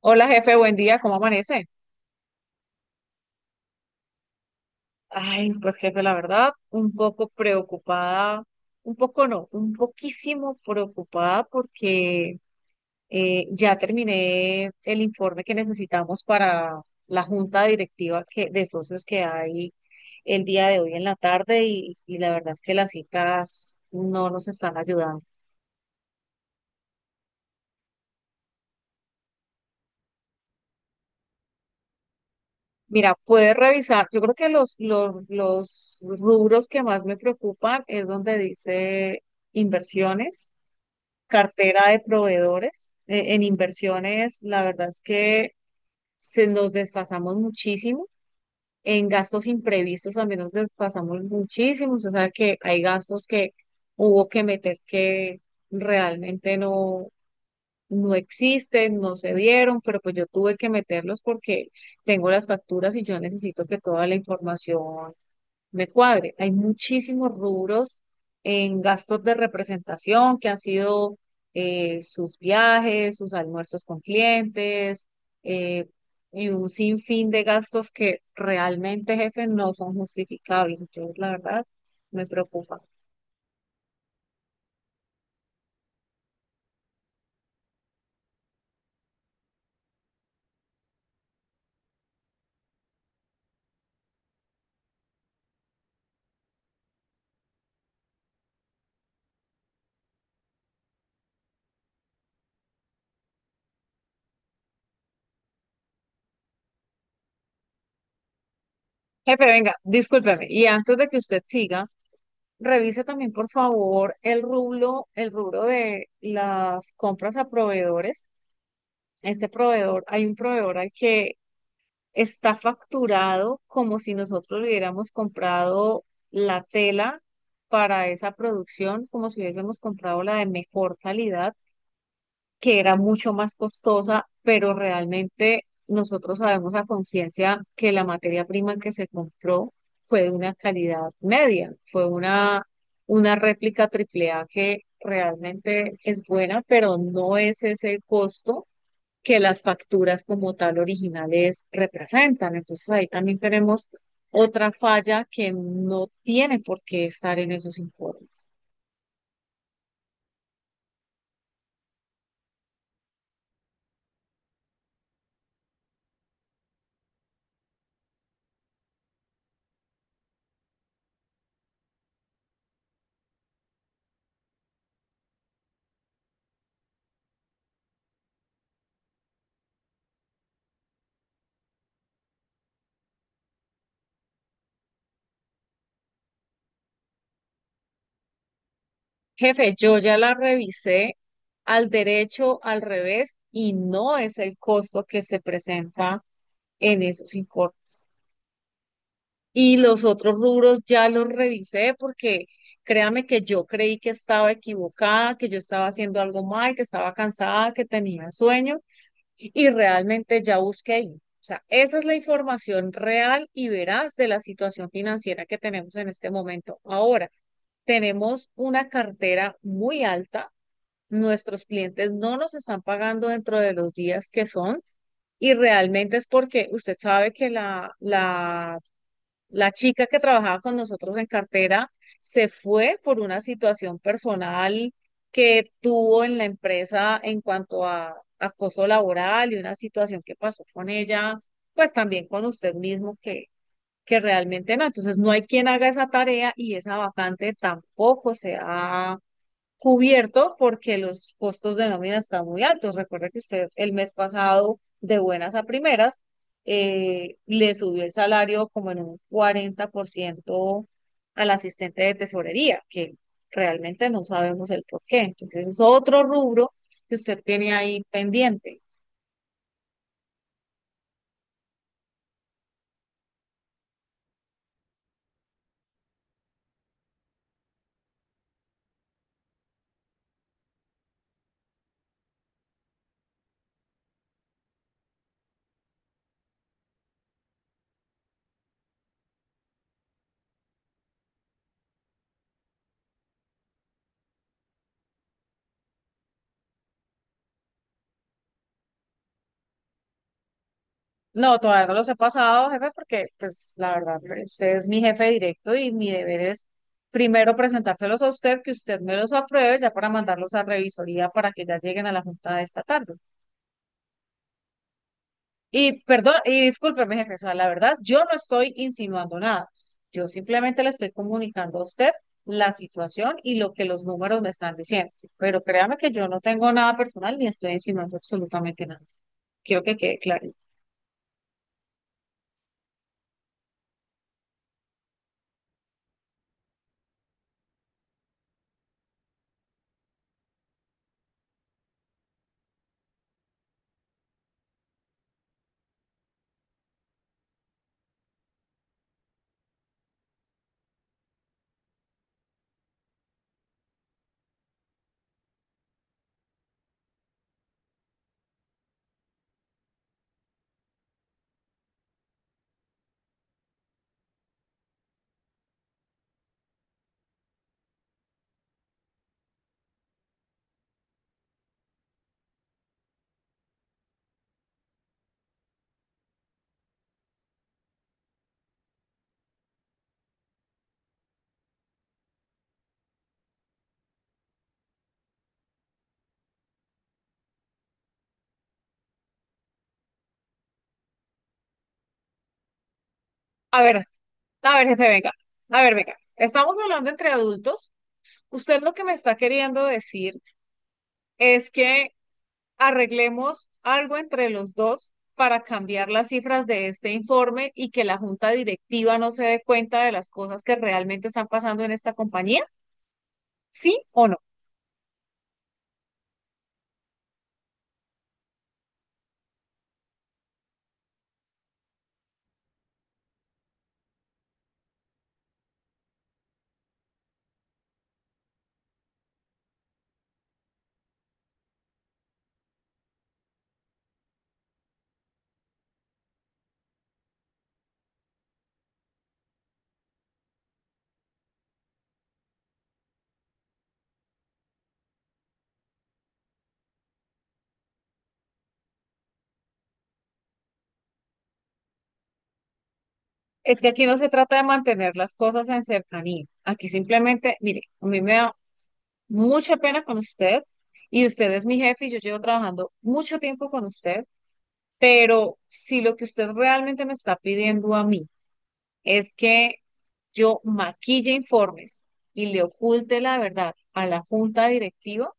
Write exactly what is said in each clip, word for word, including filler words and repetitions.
Hola jefe, buen día, ¿cómo amanece? Ay, pues jefe, la verdad, un poco preocupada, un poco no, un poquísimo preocupada porque eh, ya terminé el informe que necesitamos para la junta directiva que, de socios que hay el día de hoy en la tarde y, y la verdad es que las cifras no nos están ayudando. Mira, puedes revisar, yo creo que los, los, los rubros que más me preocupan es donde dice inversiones, cartera de proveedores, eh, en inversiones, la verdad es que se nos desfasamos muchísimo. En gastos imprevistos también nos desfasamos muchísimo. O sea que hay gastos que hubo que meter que realmente no, no existen, no se dieron, pero pues yo tuve que meterlos porque tengo las facturas y yo necesito que toda la información me cuadre. Hay muchísimos rubros en gastos de representación que han sido eh, sus viajes, sus almuerzos con clientes, eh, y un sinfín de gastos que realmente, jefe, no son justificables. Entonces, la verdad, me preocupa. Jefe, venga, discúlpeme. Y antes de que usted siga, revise también, por favor, el rubro, el rubro de las compras a proveedores. Este proveedor, hay un proveedor al que está facturado como si nosotros hubiéramos comprado la tela para esa producción, como si hubiésemos comprado la de mejor calidad, que era mucho más costosa, pero realmente nosotros sabemos a conciencia que la materia prima que se compró fue de una calidad media, fue una, una réplica triple A que realmente es buena, pero no es ese costo que las facturas como tal originales representan. Entonces ahí también tenemos otra falla que no tiene por qué estar en esos informes. Jefe, yo ya la revisé al derecho, al revés, y no es el costo que se presenta en esos informes. Y los otros rubros ya los revisé porque créame que yo creí que estaba equivocada, que yo estaba haciendo algo mal, que estaba cansada, que tenía sueño y realmente ya busqué ahí. O sea, esa es la información real y veraz de la situación financiera que tenemos en este momento. Ahora, tenemos una cartera muy alta, nuestros clientes no nos están pagando dentro de los días que son y realmente es porque usted sabe que la, la la chica que trabajaba con nosotros en cartera se fue por una situación personal que tuvo en la empresa en cuanto a acoso laboral y una situación que pasó con ella, pues también con usted mismo que, que realmente no. Entonces no hay quien haga esa tarea y esa vacante tampoco se ha cubierto porque los costos de nómina están muy altos. Recuerde que usted el mes pasado, de buenas a primeras, eh, le subió el salario como en un cuarenta por ciento al asistente de tesorería, que realmente no sabemos el por qué. Entonces es otro rubro que usted tiene ahí pendiente. No, todavía no los he pasado, jefe, porque pues la verdad, usted es mi jefe directo y mi deber es primero presentárselos a usted, que usted me los apruebe ya para mandarlos a revisoría para que ya lleguen a la junta de esta tarde. Y perdón, y discúlpeme, jefe, o sea, la verdad, yo no estoy insinuando nada. Yo simplemente le estoy comunicando a usted la situación y lo que los números me están diciendo. Pero créame que yo no tengo nada personal ni estoy insinuando absolutamente nada. Quiero que quede claro. A ver, a ver, jefe, venga. A ver, venga. Estamos hablando entre adultos. Usted lo que me está queriendo decir es que arreglemos algo entre los dos para cambiar las cifras de este informe y que la junta directiva no se dé cuenta de las cosas que realmente están pasando en esta compañía, ¿sí o no? Es que aquí no se trata de mantener las cosas en cercanía. Aquí simplemente, mire, a mí me da mucha pena con usted y usted es mi jefe y yo llevo trabajando mucho tiempo con usted. Pero si lo que usted realmente me está pidiendo a mí es que yo maquille informes y le oculte la verdad a la junta directiva,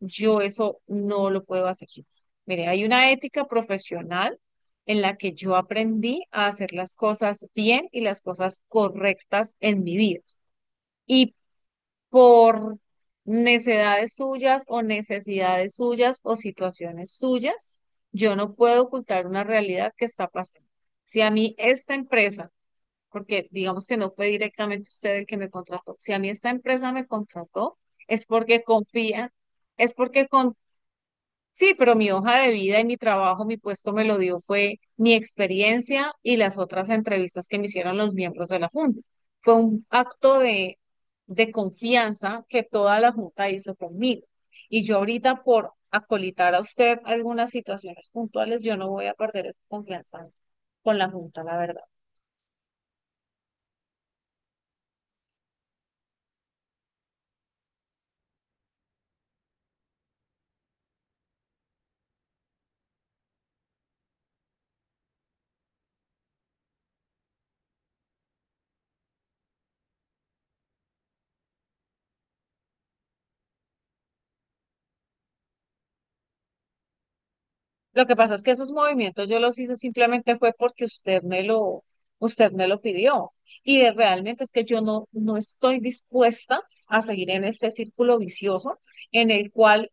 yo eso no lo puedo hacer. Mire, hay una ética profesional en la que yo aprendí a hacer las cosas bien y las cosas correctas en mi vida. Y por necesidades suyas o necesidades suyas o situaciones suyas, yo no puedo ocultar una realidad que está pasando. Si a mí esta empresa, porque digamos que no fue directamente usted el que me contrató, si a mí esta empresa me contrató, es porque confía, es porque con. Sí, pero mi hoja de vida y mi trabajo, mi puesto me lo dio fue mi experiencia y las otras entrevistas que me hicieron los miembros de la Junta. Fue un acto de, de confianza que toda la Junta hizo conmigo. Y yo ahorita por acolitar a usted algunas situaciones puntuales, yo no voy a perder esa confianza con la Junta, la verdad. Lo que pasa es que esos movimientos yo los hice simplemente fue porque usted me lo, usted me lo pidió. Y de- realmente es que yo no, no estoy dispuesta a seguir en este círculo vicioso en el cual,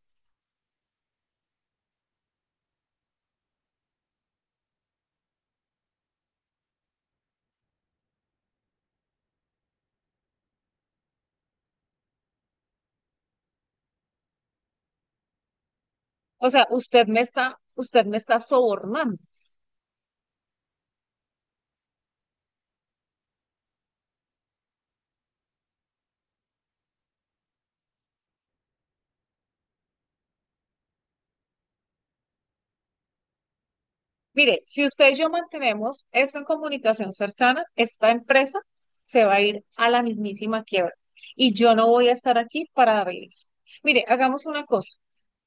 o sea, usted me está, usted me está sobornando. Mire, si usted y yo mantenemos esto en comunicación cercana, esta empresa se va a ir a la mismísima quiebra. Y yo no voy a estar aquí para darle eso. Mire, hagamos una cosa.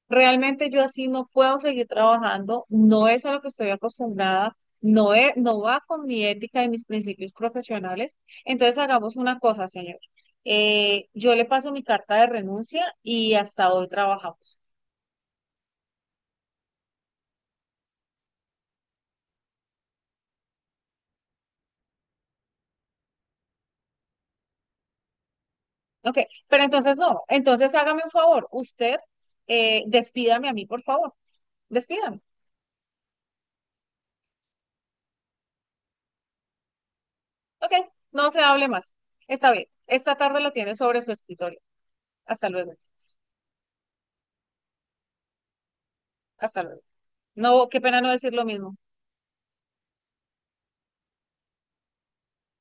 Realmente yo así no puedo seguir trabajando, no es a lo que estoy acostumbrada, no es, no va con mi ética y mis principios profesionales. Entonces hagamos una cosa, señor. Eh, yo le paso mi carta de renuncia y hasta hoy trabajamos. Ok, pero entonces no, entonces hágame un favor, usted eh, despídame a mí, por favor, despídame. Ok, no se hable más. Está bien, esta tarde lo tiene sobre su escritorio. Hasta luego, hasta luego. No, qué pena no decir lo mismo.